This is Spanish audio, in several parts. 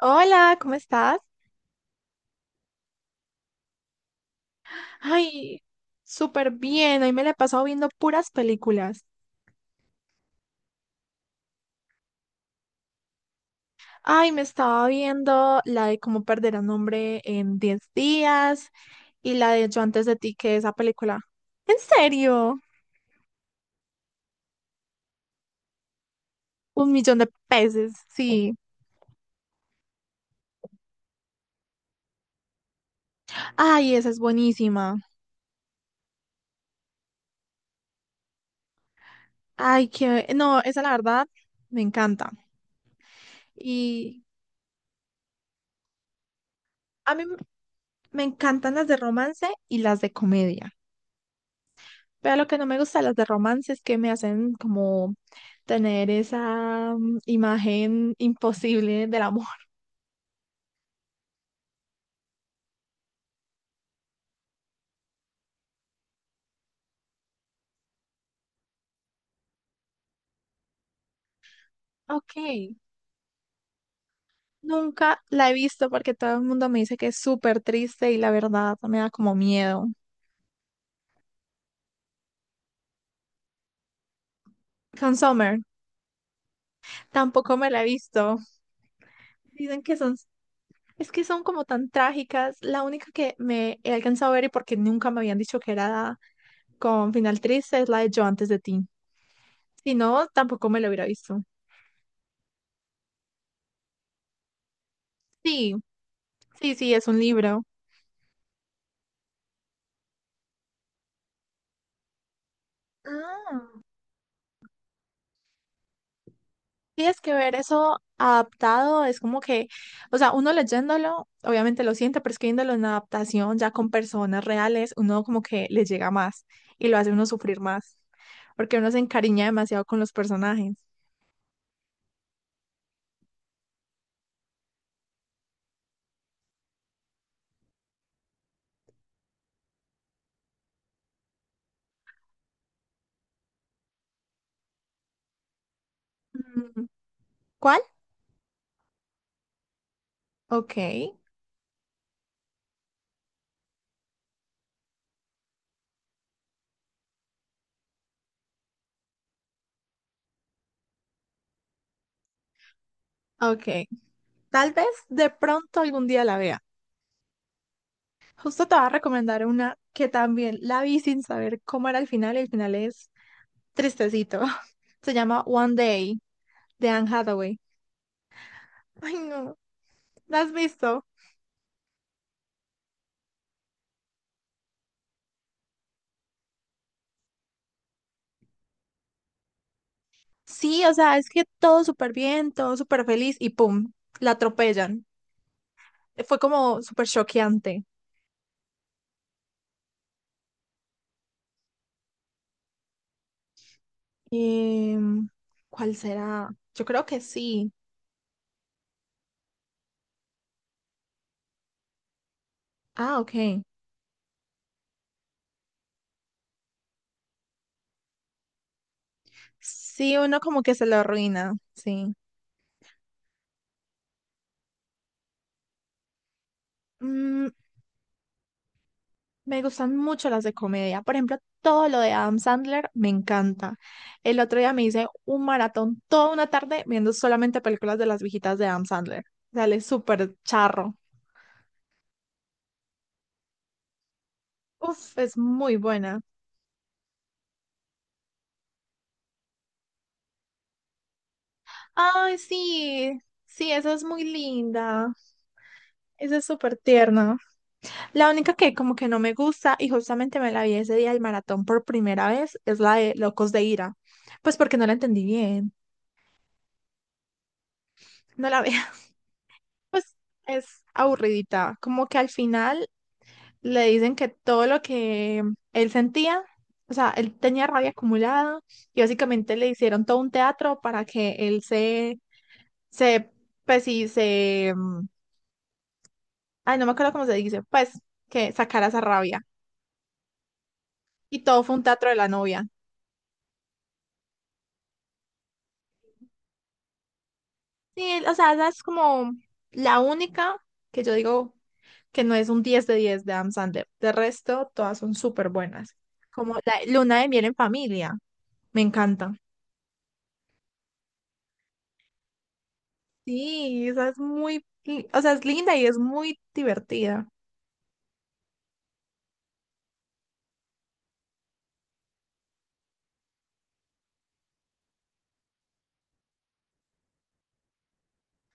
Hola, ¿cómo estás? Ay, súper bien. Hoy me la he pasado viendo puras películas. Ay, me estaba viendo la de Cómo perder a un hombre en 10 días y la de Yo antes de ti, que esa película. ¿En serio? Un millón de peces, sí. Ay, esa es buenísima. Ay, que... No, esa la verdad me encanta. Y a mí me encantan las de romance y las de comedia. Pero lo que no me gusta de las de romance es que me hacen como tener esa imagen imposible del amor. Ok. Nunca la he visto porque todo el mundo me dice que es súper triste y la verdad me da como miedo. Summer tampoco me la he visto. Dicen que son, es que son como tan trágicas. La única que me he alcanzado a ver y porque nunca me habían dicho que era con final triste es la de Yo antes de ti. Si no, tampoco me la hubiera visto. Sí, sí, sí, es un libro. Ah. Sí, es que ver eso adaptado es como que, o sea, uno leyéndolo, obviamente lo siente, pero es que viéndolo en adaptación ya con personas reales, uno como que le llega más y lo hace uno sufrir más, porque uno se encariña demasiado con los personajes. Mm, ¿cuál? Ok, ok. Tal vez de pronto algún día la vea. Justo te voy a recomendar una que también la vi sin saber cómo era el final y el final es tristecito. Se llama One Day de Anne Hathaway. Ay, no. ¿La has visto? Sí, o sea, es que todo súper bien, todo súper feliz y pum, la atropellan. Fue como súper choqueante. Em, ¿Cuál será? Yo creo que sí. Ah, ok. Sí, uno como que se lo arruina, sí. Mm, me gustan mucho las de comedia. Por ejemplo, todo lo de Adam Sandler me encanta. El otro día me hice un maratón toda una tarde viendo solamente películas de las viejitas de Adam Sandler. Dale, súper charro. Uf, es muy buena. Ay, sí, sí, esa es muy linda. Esa es súper tierna. La única que como que no me gusta y justamente me la vi ese día del maratón por primera vez es la de Locos de Ira. Pues porque no la entendí bien. No la veo. Pues es aburridita. Como que al final le dicen que todo lo que él sentía, o sea, él tenía rabia acumulada y básicamente le hicieron todo un teatro para que él se, pues sí, se... ay, no me acuerdo cómo se dice, pues, que sacara esa rabia. Y todo fue un teatro de la novia. Sí, o sea, esa es como la única que yo digo que no es un 10 de 10 de Adam Sandler. De resto, todas son súper buenas. Como la Luna de Miel en Familia, me encanta. Sí, esa es muy, o sea, es linda y es muy divertida.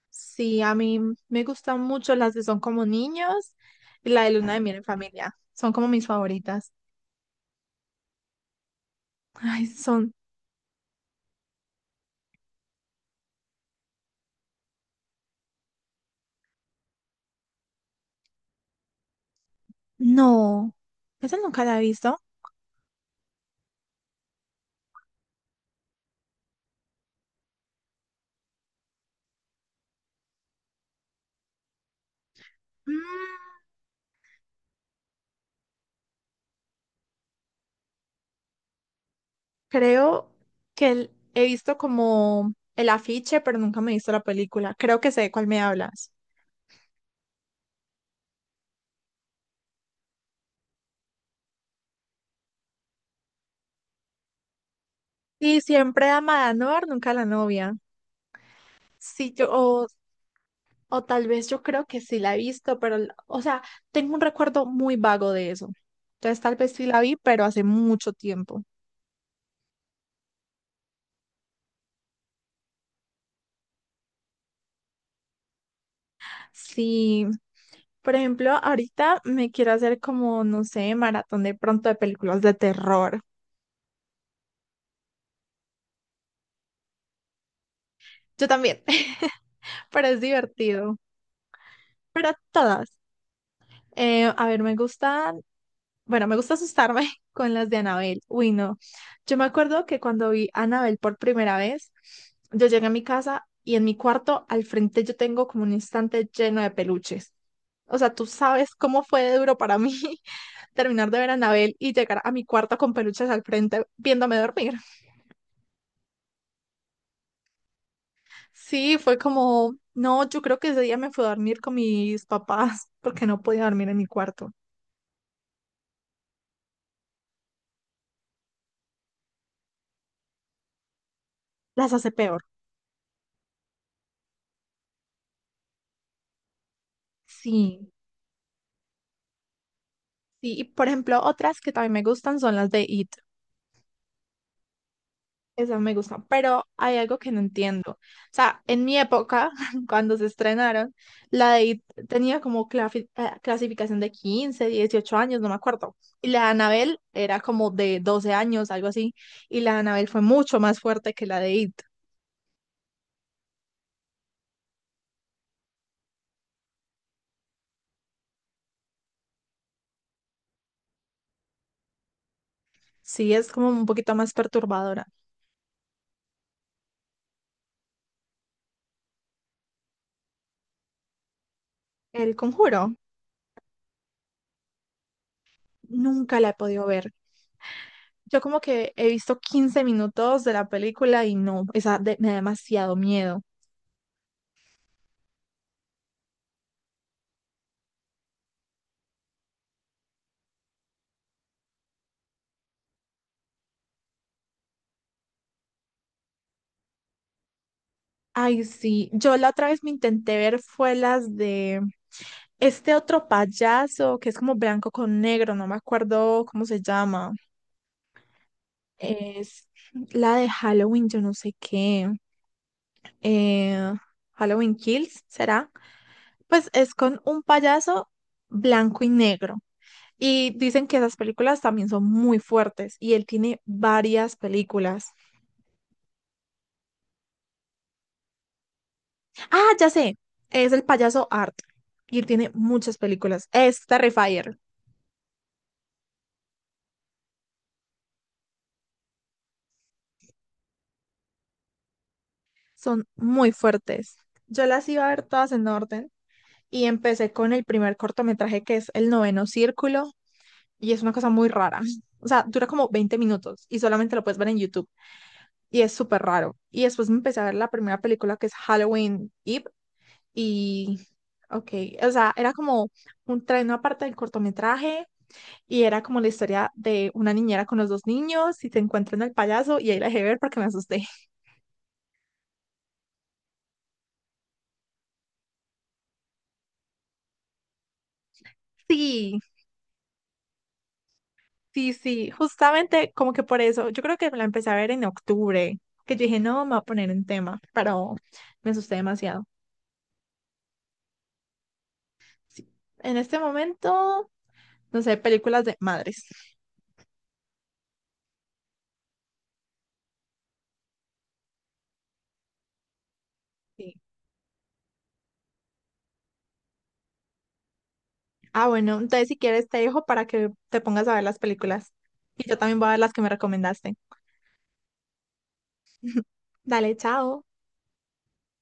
Sí, a mí me gustan mucho las que son como niños y la de Luna de Miel en Familia. Son como mis favoritas. Ay, son. No, esa nunca la he visto. Mm, creo que he visto como el afiche, pero nunca me he visto la película. Creo que sé de cuál me hablas. Sí, siempre ama a Noir, nunca a la novia. Sí, yo, o tal vez yo creo que sí la he visto, pero, o sea, tengo un recuerdo muy vago de eso. Entonces tal vez sí la vi, pero hace mucho tiempo. Sí, por ejemplo, ahorita me quiero hacer como, no sé, maratón de pronto de películas de terror. Yo también, pero es divertido. Pero todas. A ver, me gustan, bueno, me gusta asustarme con las de Anabel. Uy, no. Yo me acuerdo que cuando vi a Anabel por primera vez, yo llegué a mi casa y en mi cuarto al frente yo tengo como un instante lleno de peluches. O sea, tú sabes cómo fue de duro para mí terminar de ver a Anabel y llegar a mi cuarto con peluches al frente viéndome dormir. Sí, fue como, no, yo creo que ese día me fui a dormir con mis papás porque no podía dormir en mi cuarto. Las hace peor. Sí, sí, y por ejemplo, otras que también me gustan son las de It. Esas me gustan, pero hay algo que no entiendo. O sea, en mi época, cuando se estrenaron, la de It tenía como clasificación de 15, 18 años, no me acuerdo. Y la de Annabelle era como de 12 años, algo así. Y la de Annabelle fue mucho más fuerte que la de It. Sí, es como un poquito más perturbadora. El Conjuro, nunca la he podido ver. Yo como que he visto 15 minutos de la película y no, me da demasiado miedo. Ay, sí, yo la otra vez me intenté ver fue las de este otro payaso que es como blanco con negro, no me acuerdo cómo se llama. Es la de Halloween, yo no sé qué. Eh, Halloween Kills, ¿será? Pues es con un payaso blanco y negro. Y dicen que esas películas también son muy fuertes y él tiene varias películas. Ah, ya sé. Es el payaso Art. Y él tiene muchas películas. Es Terrifier. Son muy fuertes. Yo las iba a ver todas en orden. Y empecé con el primer cortometraje que es El Noveno Círculo. Y es una cosa muy rara. O sea, dura como 20 minutos y solamente lo puedes ver en YouTube. Y es súper raro. Y después me empecé a ver la primera película que es Halloween Eve. Y, ok, o sea, era como un tren aparte del cortometraje. Y era como la historia de una niñera con los dos niños y se encuentran al payaso y ahí la dejé ver porque me asusté. Sí, sí, sí, justamente como que por eso, yo creo que la empecé a ver en octubre, que yo dije, no, me voy a poner en tema, pero me asusté demasiado. Sí. En este momento, no sé, películas de madres. Sí. Ah, bueno, entonces si quieres te dejo para que te pongas a ver las películas. Y yo también voy a ver las que me recomendaste. Dale, chao.